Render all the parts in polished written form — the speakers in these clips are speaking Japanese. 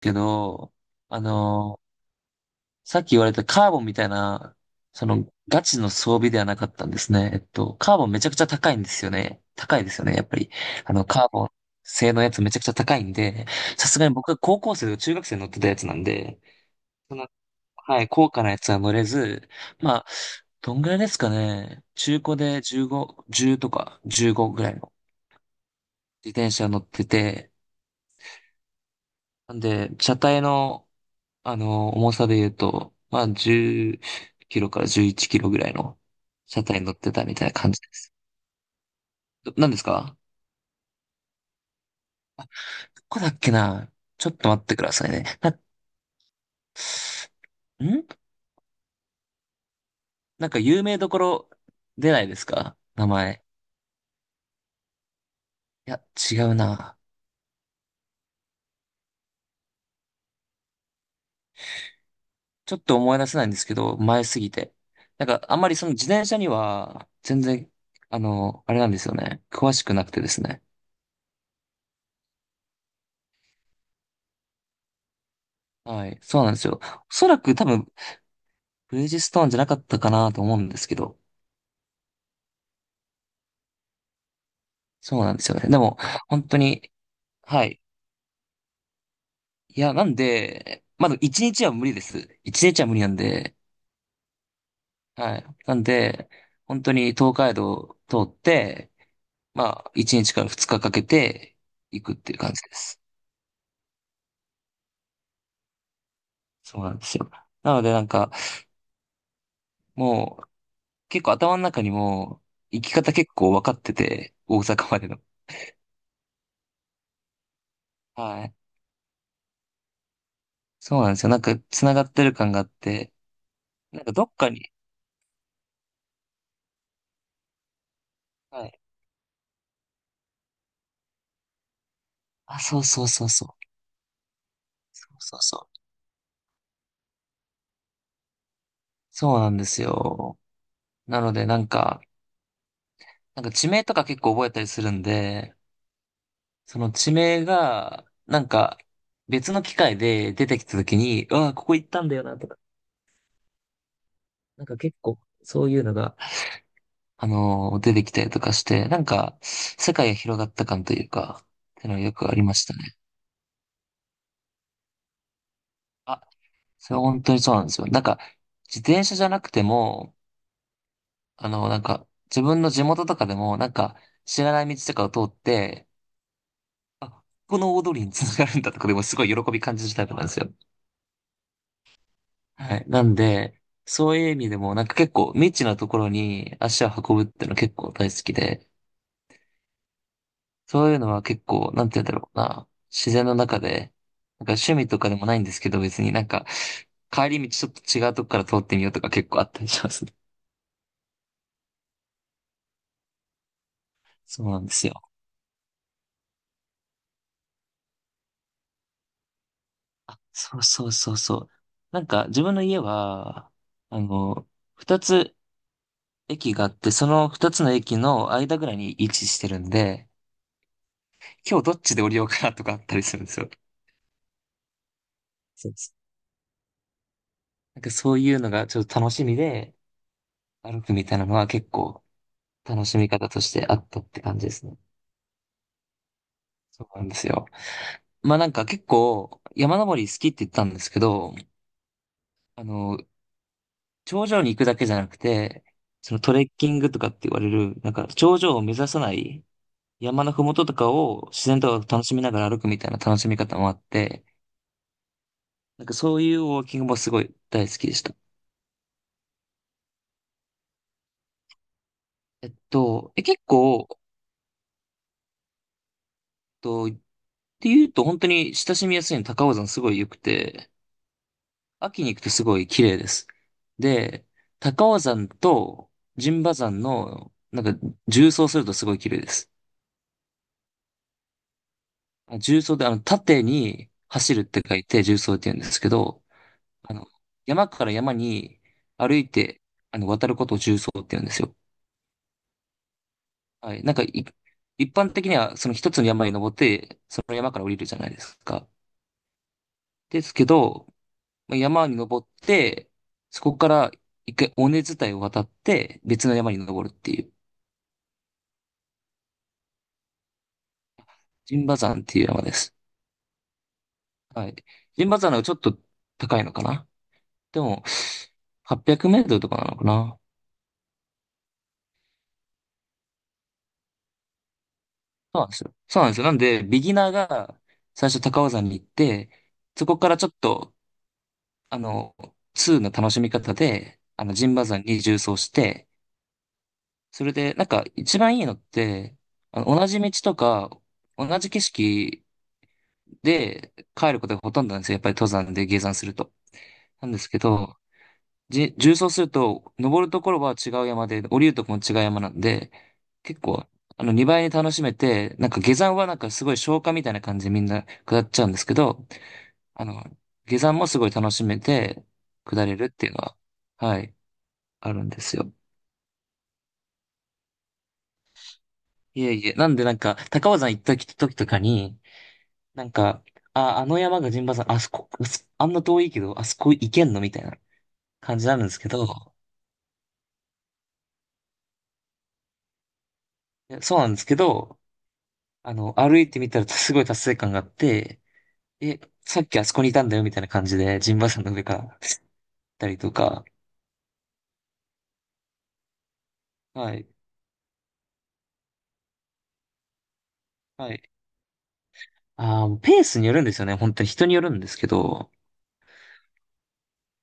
けど、あのーさっき言われたカーボンみたいな、ガチの装備ではなかったんですね。カーボンめちゃくちゃ高いんですよね。高いですよね、やっぱり。カーボン製のやつめちゃくちゃ高いんで、さすがに僕が高校生とか中学生に乗ってたやつなんで、その、はい、高価なやつは乗れず、まあ、どんぐらいですかね。中古で15、10とか15ぐらいの自転車乗ってて、なんで、車体の、重さで言うと、まあ、10キロから11キロぐらいの車体に乗ってたみたいな感じです。ど何ですか？どこだっけな。ちょっと待ってくださいね。なんなんか有名どころ出ないですか名前。いや、違うな。ちょっと思い出せないんですけど、前すぎて。なんか、あんまりその自転車には、全然、あれなんですよね。詳しくなくてですね。はい。そうなんですよ。おそらく多分、ブリヂストーンじゃなかったかなと思うんですけど。そうなんですよね。でも、本当に、はい。いや、なんで、まだ一日は無理です。一日は無理なんで、はい。なんで、本当に東海道を通って、まあ、一日から二日かけて行くっていう感じです。そうなんですよ。なので、なんか、もう、結構頭の中にも、行き方結構分かってて、大阪までの。はい。そうなんですよ。なんか、繋がってる感があって、なんかどっかに、はい。あ、そうそうそうそう。そうそうそう。そうなんですよ。なので、なんか、なんか地名とか結構覚えたりするんで、その地名が、なんか、別の機会で出てきた時に、うわ、ここ行ったんだよな、とか、なんか結構、そういうのが、出てきたりとかして、なんか、世界が広がった感というか、ってのがよくありましたね。あ、それは本当にそうなんですよ。なんか、自転車じゃなくても、なんか、自分の地元とかでも、なんか、知らない道とかを通って、あ、この大通りにつながるんだとかでもすごい喜び感じるタイプなんですよ。はい。なんで、そういう意味でもなんか結構未知なところに足を運ぶっていうの結構大好きで、そういうのは結構、なんて言うんだろうな、自然の中で、なんか趣味とかでもないんですけど別になんか帰り道ちょっと違うとこから通ってみようとか結構あったりしますね。そうなんですよ。あ、そうそうそうそう。なんか自分の家は、あの、二つ駅があって、その二つの駅の間ぐらいに位置してるんで、今日どっちで降りようかなとかあったりするんですよ。そうです。なんかそういうのがちょっと楽しみで歩くみたいなのは結構楽しみ方としてあったって感じですね。そうなんですよ。まあなんか結構山登り好きって言ったんですけど、あの、頂上に行くだけじゃなくて、そのトレッキングとかって言われる、なんか頂上を目指さない山のふもととかを自然と楽しみながら歩くみたいな楽しみ方もあって、なんかそういうウォーキングもすごい大好きでした。結構、とていうと、本当に親しみやすいの高尾山すごい良くて、秋に行くとすごい綺麗です。で、高尾山と陣馬山の、なんか、縦走するとすごい綺麗です。あ縦走で、縦に走るって書いて縦走って言うんですけど、あの、山から山に歩いて、渡ることを縦走って言うんですよ。はい。一般的には、その一つの山に登って、その山から降りるじゃないですか。ですけど、まあ山に登って、そこから一回尾根伝いを渡って、別の山に登るっていう、陣馬山っていう山です。はい。陣馬山の方がちょっと高いのかな。でも、800メートルとかなのかな。そうなんですよ。そうなんですよ。なんで、ビギナーが最初高尾山に行って、そこからちょっと、あの、2の楽しみ方で、陣馬山に縦走して、それで、なんか一番いいのって、同じ道とか、同じ景色で、帰ることがほとんどなんですよ。やっぱり登山で下山すると。なんですけど、縦走すると、登るところは違う山で、降りるところも違う山なんで、結構、2倍に楽しめて、なんか下山はなんかすごい消化みたいな感じでみんな下っちゃうんですけど、あの、下山もすごい楽しめて、下れるっていうのは、はい、あるんですよ。いえいえ、なんでなんか、高尾山行った時とかに、なんか、あ、あの山が陣馬山、あそこ、あんな遠いけど、あそこ行けんのみたいな。感じなんですけど、いやそうなんですけど、歩いてみたらすごい達成感があって、え、さっきあそこにいたんだよみたいな感じで、ジンバさんの上から行ったりとか、はい、はい。あーペースによるんですよね。本当に人によるんですけど、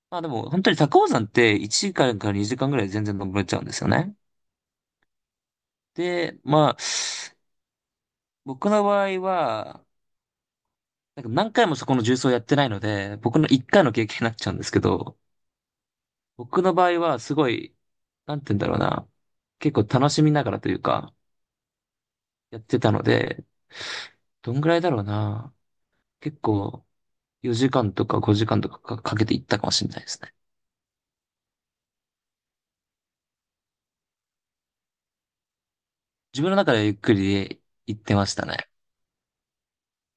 まあでも、本当に高尾山って1時間かんから2時間ぐらいで全然登れちゃうんですよね。で、まあ、僕の場合は、なんか何回もそこの重曹やってないので、僕の1回の経験になっちゃうんですけど、僕の場合はすごい、なんて言うんだろうな。結構楽しみながらというか、やってたので、どんぐらいだろうな。結構4時間とか5時間とかかかけていったかもしれないですね。自分の中ではゆっくりで行ってましたね。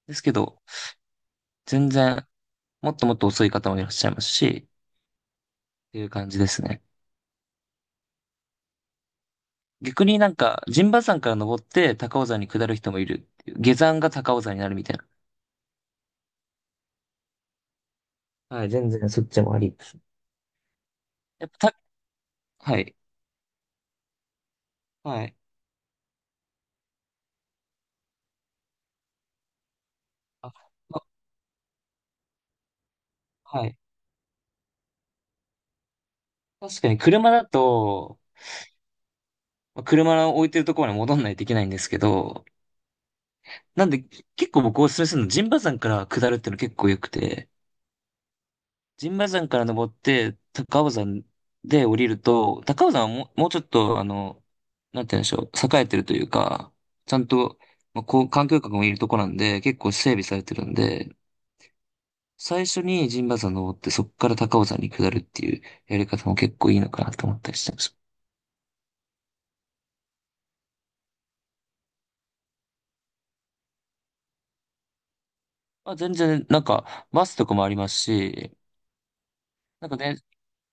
ですけど、全然もっともっと遅い方もいらっしゃいますし、っていう感じですね。逆になんか、陣馬山から登って高尾山に下る人もいるっていう。下山が高尾山になるみたいな。はい、全然そっちもありです。やっぱた、はい。はい。あ、まはい。確かに車だと、まあ車を置いてるところまで戻んないといけないんですけど、なんで結構僕おすすめするの、陣馬山から下るっていうの結構良くて、陣馬山から登って高尾山で降りると、高尾山はもう、もうちょっとあの、なんて言うんでしょう、栄えてるというか、ちゃんと、まあ、こう、環境局もいるとこなんで、結構整備されてるんで、最初に陣馬山登ってそこから高尾山に下るっていうやり方も結構いいのかなと思ったりしてます。まあ、全然、なんか、バスとかもありますし、なんかね、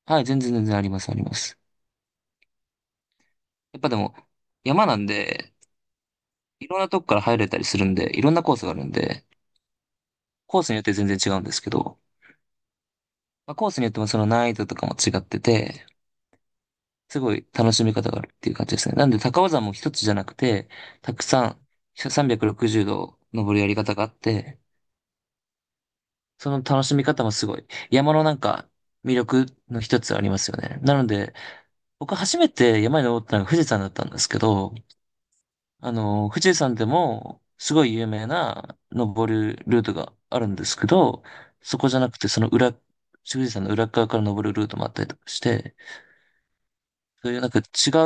はい、全然全然あります、あります。やっぱでも、山なんで、いろんなとこから入れたりするんで、いろんなコースがあるんで、コースによって全然違うんですけど、まあ、コースによってもその難易度とかも違ってて、すごい楽しみ方があるっていう感じですね。なんで高尾山も一つじゃなくて、たくさん360度登るやり方があって、その楽しみ方もすごい、山のなんか魅力の一つありますよね。なので、僕初めて山に登ったのが富士山だったんですけど、富士山でもすごい有名な登るルートがあるんですけど、そこじゃなくてその裏、富士山の裏側から登るルートもあったりとかして、そういうなんか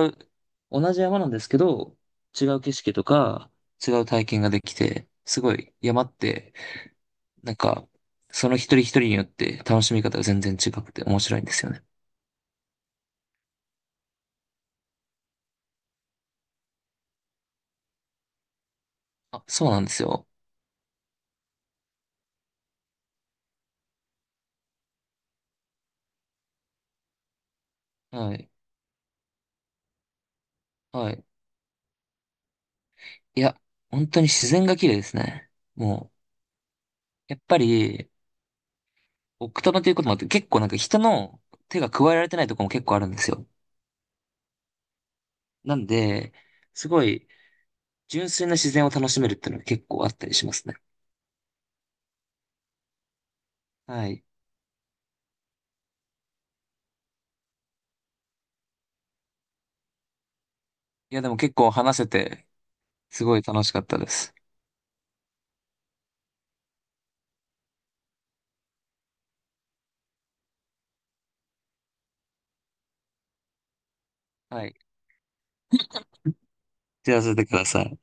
う、同じ山なんですけど、違う景色とか違う体験ができて、すごい山って、なんか、その一人一人によって楽しみ方が全然違くて面白いんですよね。あ、そうなんですよ。はい。はい。いや、本当に自然が綺麗ですね。もう、やっぱり、奥多摩ということもあって、結構なんか人の手が加えられてないとこも結構あるんですよ。なんで、すごい純粋な自然を楽しめるっていうのが結構あったりしますね。はい。いや、でも結構話せて、すごい楽しかったです。はい。じゃあ、させてください。